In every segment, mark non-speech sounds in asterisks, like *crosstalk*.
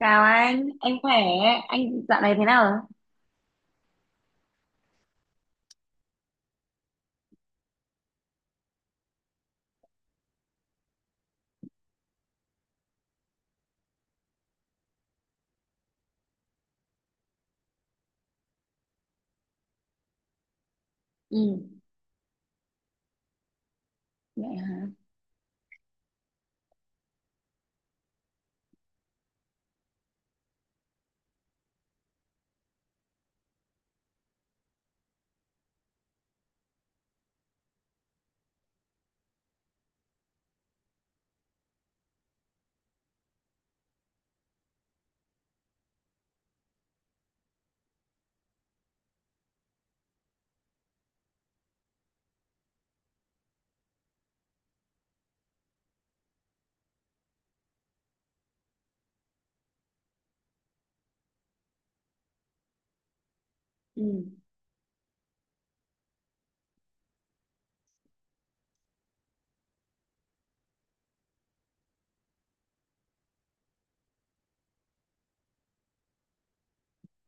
Chào anh khỏe, anh dạo này thế nào rồi? Ừ, vậy hả? Ừ,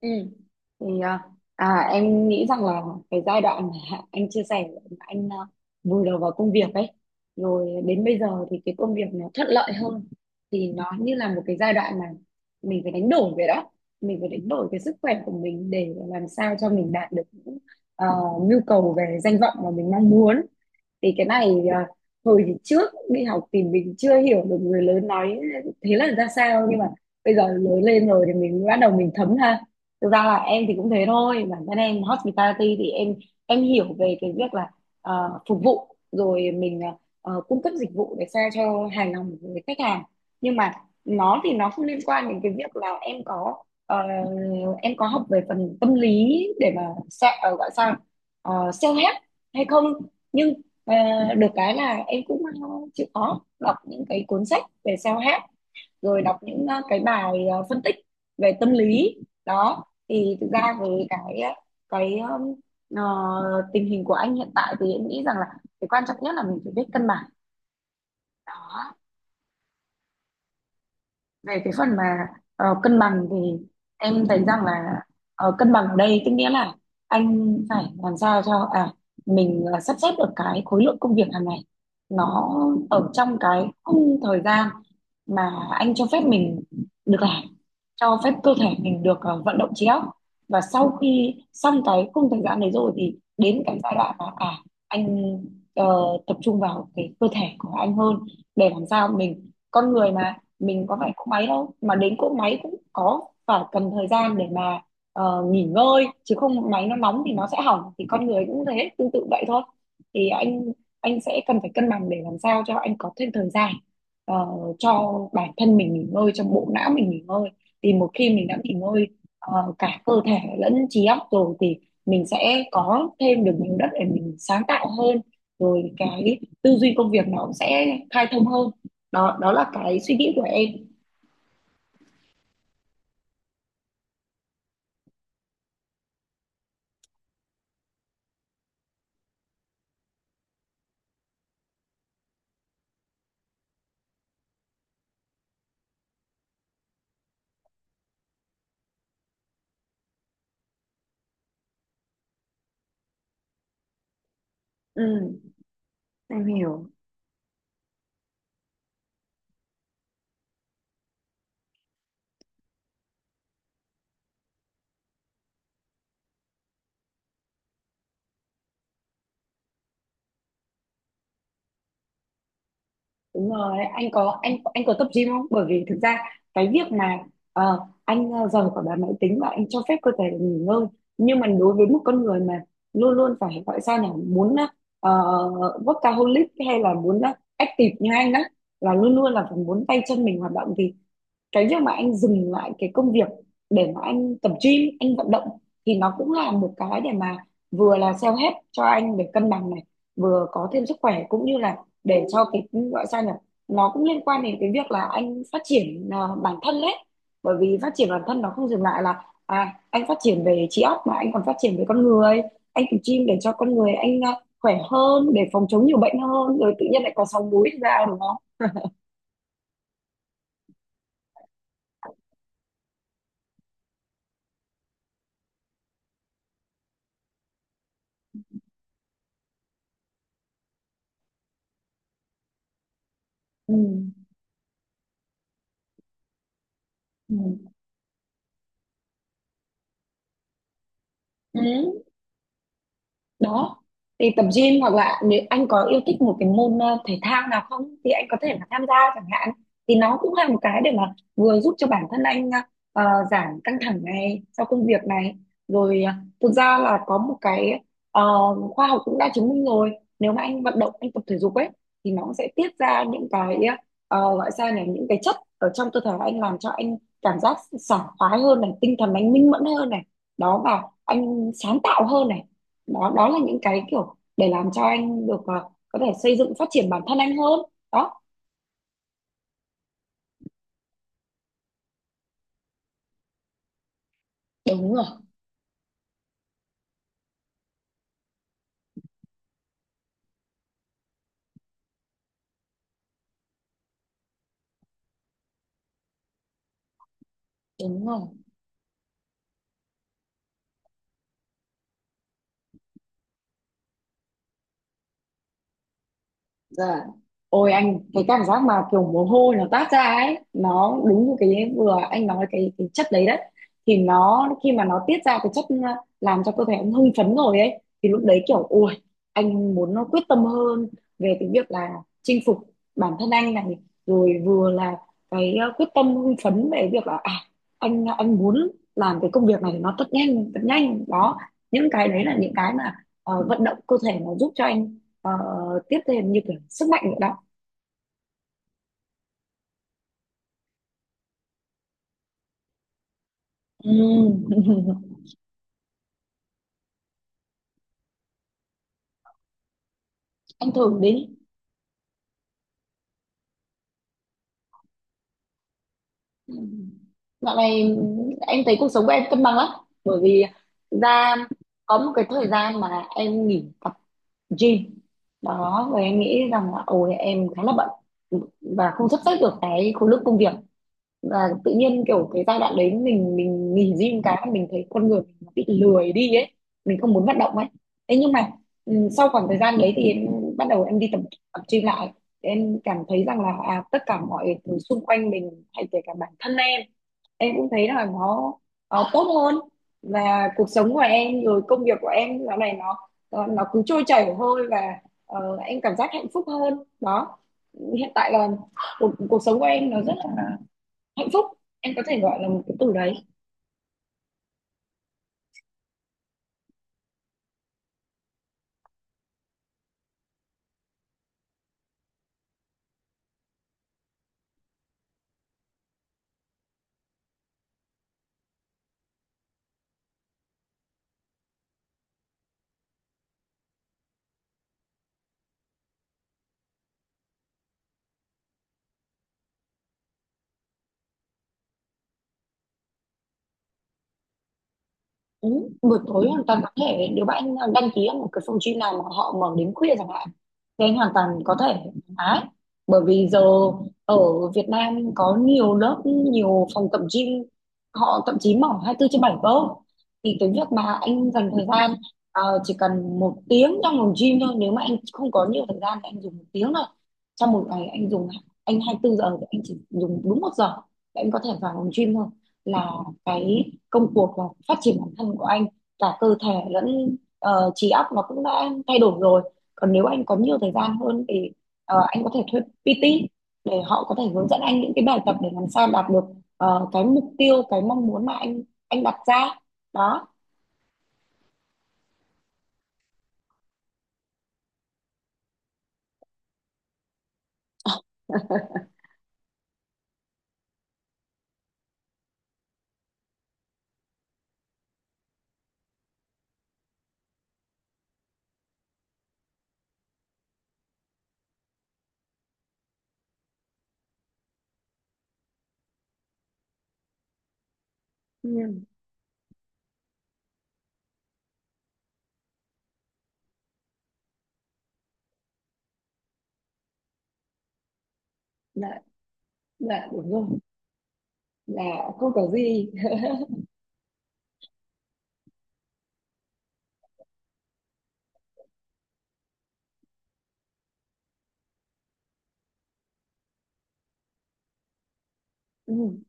ừ. Thì em nghĩ rằng là cái giai đoạn mà anh chia sẻ mà anh vùi đầu vào công việc ấy, rồi đến bây giờ thì cái công việc nó thuận lợi hơn, thì nó như là một cái giai đoạn mà mình phải đánh đổi vậy đó, mình phải đánh đổi cái sức khỏe của mình để làm sao cho mình đạt được những à, nhu cầu về danh vọng mà mình mong muốn. Thì cái này hồi trước đi học thì mình chưa hiểu được người lớn nói thế là ra sao, nhưng mà bây giờ lớn lên rồi thì mình bắt đầu mình thấm ha. Thực ra là em thì cũng thế thôi, bản thân em hospitality thì em hiểu về cái việc là phục vụ, rồi mình cung cấp dịch vụ để sao cho hài lòng với khách hàng. Nhưng mà nó thì nó không liên quan đến cái việc là em có học về phần tâm lý để mà gọi sao, self-help hay không. Nhưng Ờ, được cái là em cũng chịu khó đọc những cái cuốn sách về self-help, rồi đọc những cái bài phân tích về tâm lý. Đó thì thực ra với cái ờ, tình hình của anh hiện tại thì em nghĩ rằng là cái quan trọng nhất là mình phải biết cân bằng. Đó, về cái phần mà cân bằng thì em thấy rằng là cân bằng ở đây tức nghĩa là anh phải làm sao cho mình sắp xếp được cái khối lượng công việc hàng ngày nó ở trong cái khung thời gian mà anh cho phép mình được làm, cho phép cơ thể mình được vận động trí óc. Và sau khi xong cái khung thời gian đấy rồi thì đến cái giai đoạn mà anh ờ, tập trung vào cái cơ thể của anh hơn, để làm sao mình con người mà mình có phải cỗ máy đâu, mà đến cỗ máy cũng có phải cần thời gian để mà nghỉ ngơi chứ, không máy nó nóng thì nó sẽ hỏng, thì con người cũng thế tương tự vậy thôi. Thì anh sẽ cần phải cân bằng để làm sao cho anh có thêm thời gian ờ, cho bản thân mình nghỉ ngơi, cho bộ não mình nghỉ ngơi. Thì một khi mình đã nghỉ ngơi cả cơ thể lẫn trí óc rồi thì mình sẽ có thêm được nhiều đất để mình sáng tạo hơn, rồi cái tư duy công việc nó cũng sẽ khai thông hơn. Đó, đó là cái suy nghĩ của em. Ừ, em hiểu. Đúng rồi, anh có tập gym không? Bởi vì thực ra cái việc mà ờ, anh rời khỏi bàn máy tính và anh cho phép cơ thể được nghỉ ngơi, nhưng mà đối với một con người mà luôn luôn phải gọi sao nhỉ, muốn ờ, workaholic hay là muốn active như anh đó, là luôn luôn là phải muốn tay chân mình hoạt động, thì cái việc mà anh dừng lại cái công việc để mà anh tập gym, anh vận động thì nó cũng là một cái để mà vừa là self help cho anh để cân bằng này, vừa có thêm sức khỏe cũng như là để cho cái gọi sao nhỉ, nó cũng liên quan đến cái việc là anh phát triển bản thân đấy. Bởi vì phát triển bản thân nó không dừng lại là anh phát triển về trí óc mà anh còn phát triển về con người. Anh tập gym để cho con người anh khỏe hơn, để phòng chống nhiều bệnh hơn, rồi tự nhiên lại có sáu múi ra, đúng không? Ừ. Ừ. Ừ. Đó, thì tập gym hoặc là nếu anh có yêu thích một cái môn thể thao nào không thì anh có thể là tham gia chẳng hạn. Thì nó cũng là một cái để mà vừa giúp cho bản thân anh ờ, giảm căng thẳng này sau công việc này, rồi thực ra là có một cái ờ, khoa học cũng đã chứng minh rồi, nếu mà anh vận động, anh tập thể dục ấy thì nó cũng sẽ tiết ra những cái gọi sao nhỉ, những cái chất ở trong cơ thể anh làm cho anh cảm giác sảng khoái hơn này, tinh thần anh minh mẫn hơn này. Đó, và anh sáng tạo hơn này. Đó, đó là những cái kiểu để làm cho anh được có thể xây dựng phát triển bản thân anh hơn. Đó. Đúng rồi. Đúng rồi. Dạ. Ôi anh, cái cảm giác mà kiểu mồ hôi nó toát ra ấy nó đúng như cái vừa anh nói, cái chất đấy đấy thì nó, khi mà nó tiết ra cái chất làm cho cơ thể ông hưng phấn rồi ấy thì lúc đấy kiểu ôi, anh muốn nó quyết tâm hơn về cái việc là chinh phục bản thân anh này, rồi vừa là cái quyết tâm hưng phấn về việc là anh muốn làm cái công việc này nó thật nhanh, thật nhanh đó. Những cái đấy là những cái mà vận động cơ thể nó giúp cho anh. Ờ, Tiếp theo như kiểu sức mạnh nữa đó. Ừ. *laughs* Anh thử đi. Ừ. Dạo này em thấy cuộc sống của em cân bằng lắm. Bởi vì thực ra có một cái thời gian mà em nghỉ tập gym. Đó, và em nghĩ rằng là ôi em khá là bận và không sắp xếp được cái khối lượng công việc. Và tự nhiên kiểu cái giai đoạn đấy mình nghỉ gym cái mình thấy con người mình nó bị lười đi ấy, mình không muốn vận động ấy. Thế nhưng mà sau khoảng thời gian đấy thì em bắt đầu em đi tập tập gym lại, em cảm thấy rằng là tất cả mọi thứ xung quanh mình hay kể cả bản thân em cũng thấy là nó tốt hơn. Và cuộc sống của em rồi công việc của em dạo này nó cứ trôi chảy thôi và em cảm giác hạnh phúc hơn đó. Hiện tại là cuộc sống của em nó rất là hạnh phúc, em có thể gọi là một cái từ đấy. Ừ. Buổi tối hoàn toàn có thể, nếu bạn anh đăng ký ở một cái phòng gym nào mà họ mở đến khuya chẳng hạn thì anh hoàn toàn có thể thoải, bởi vì giờ ở Việt Nam có nhiều lớp, nhiều phòng tập gym họ thậm chí mở 24 trên bảy cơ. Thì cái việc mà anh dành thời gian chỉ cần một tiếng trong phòng gym thôi, nếu mà anh không có nhiều thời gian thì anh dùng một tiếng thôi. Trong một ngày anh 24 giờ thì anh chỉ dùng đúng một giờ để anh có thể vào phòng gym thôi, là cái công cuộc và phát triển bản thân của anh cả cơ thể lẫn trí óc nó cũng đã thay đổi rồi. Còn nếu anh có nhiều thời gian hơn thì anh có thể thuê PT để họ có thể hướng dẫn anh những cái bài tập để làm sao đạt được cái mục tiêu, cái mong muốn mà anh đặt ra đó. Ừ. Dạ. Dạ đúng rồi. Là không có gì. *laughs* Ừ.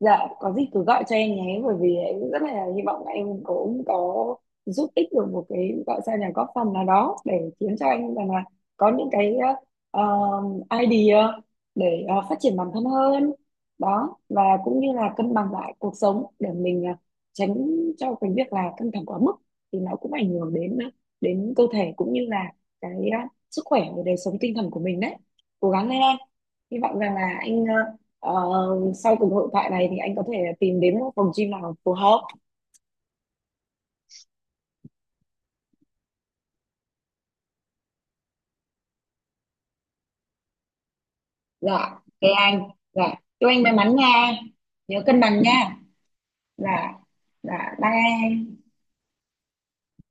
Dạ, có gì cứ gọi cho em nhé, bởi vì em rất là hy vọng là em cũng có giúp ích được một cái gọi sao nhà, góp phần nào đó để khiến cho anh rằng là có những cái idea để phát triển bản thân hơn đó, và cũng như là cân bằng lại cuộc sống để mình tránh cho cái việc là căng thẳng quá mức thì nó cũng ảnh hưởng đến cơ thể cũng như là cái sức khỏe và đời sống tinh thần của mình đấy. Cố gắng lên em. Hy vọng rằng là anh ờ, ờ, sau cuộc hội thoại này thì anh có thể tìm đến một phòng gym nào phù hợp. Dạ. Thế anh. Dạ, chúc anh may mắn nha. Nhớ cân bằng nha. Dạ. Dạ bye.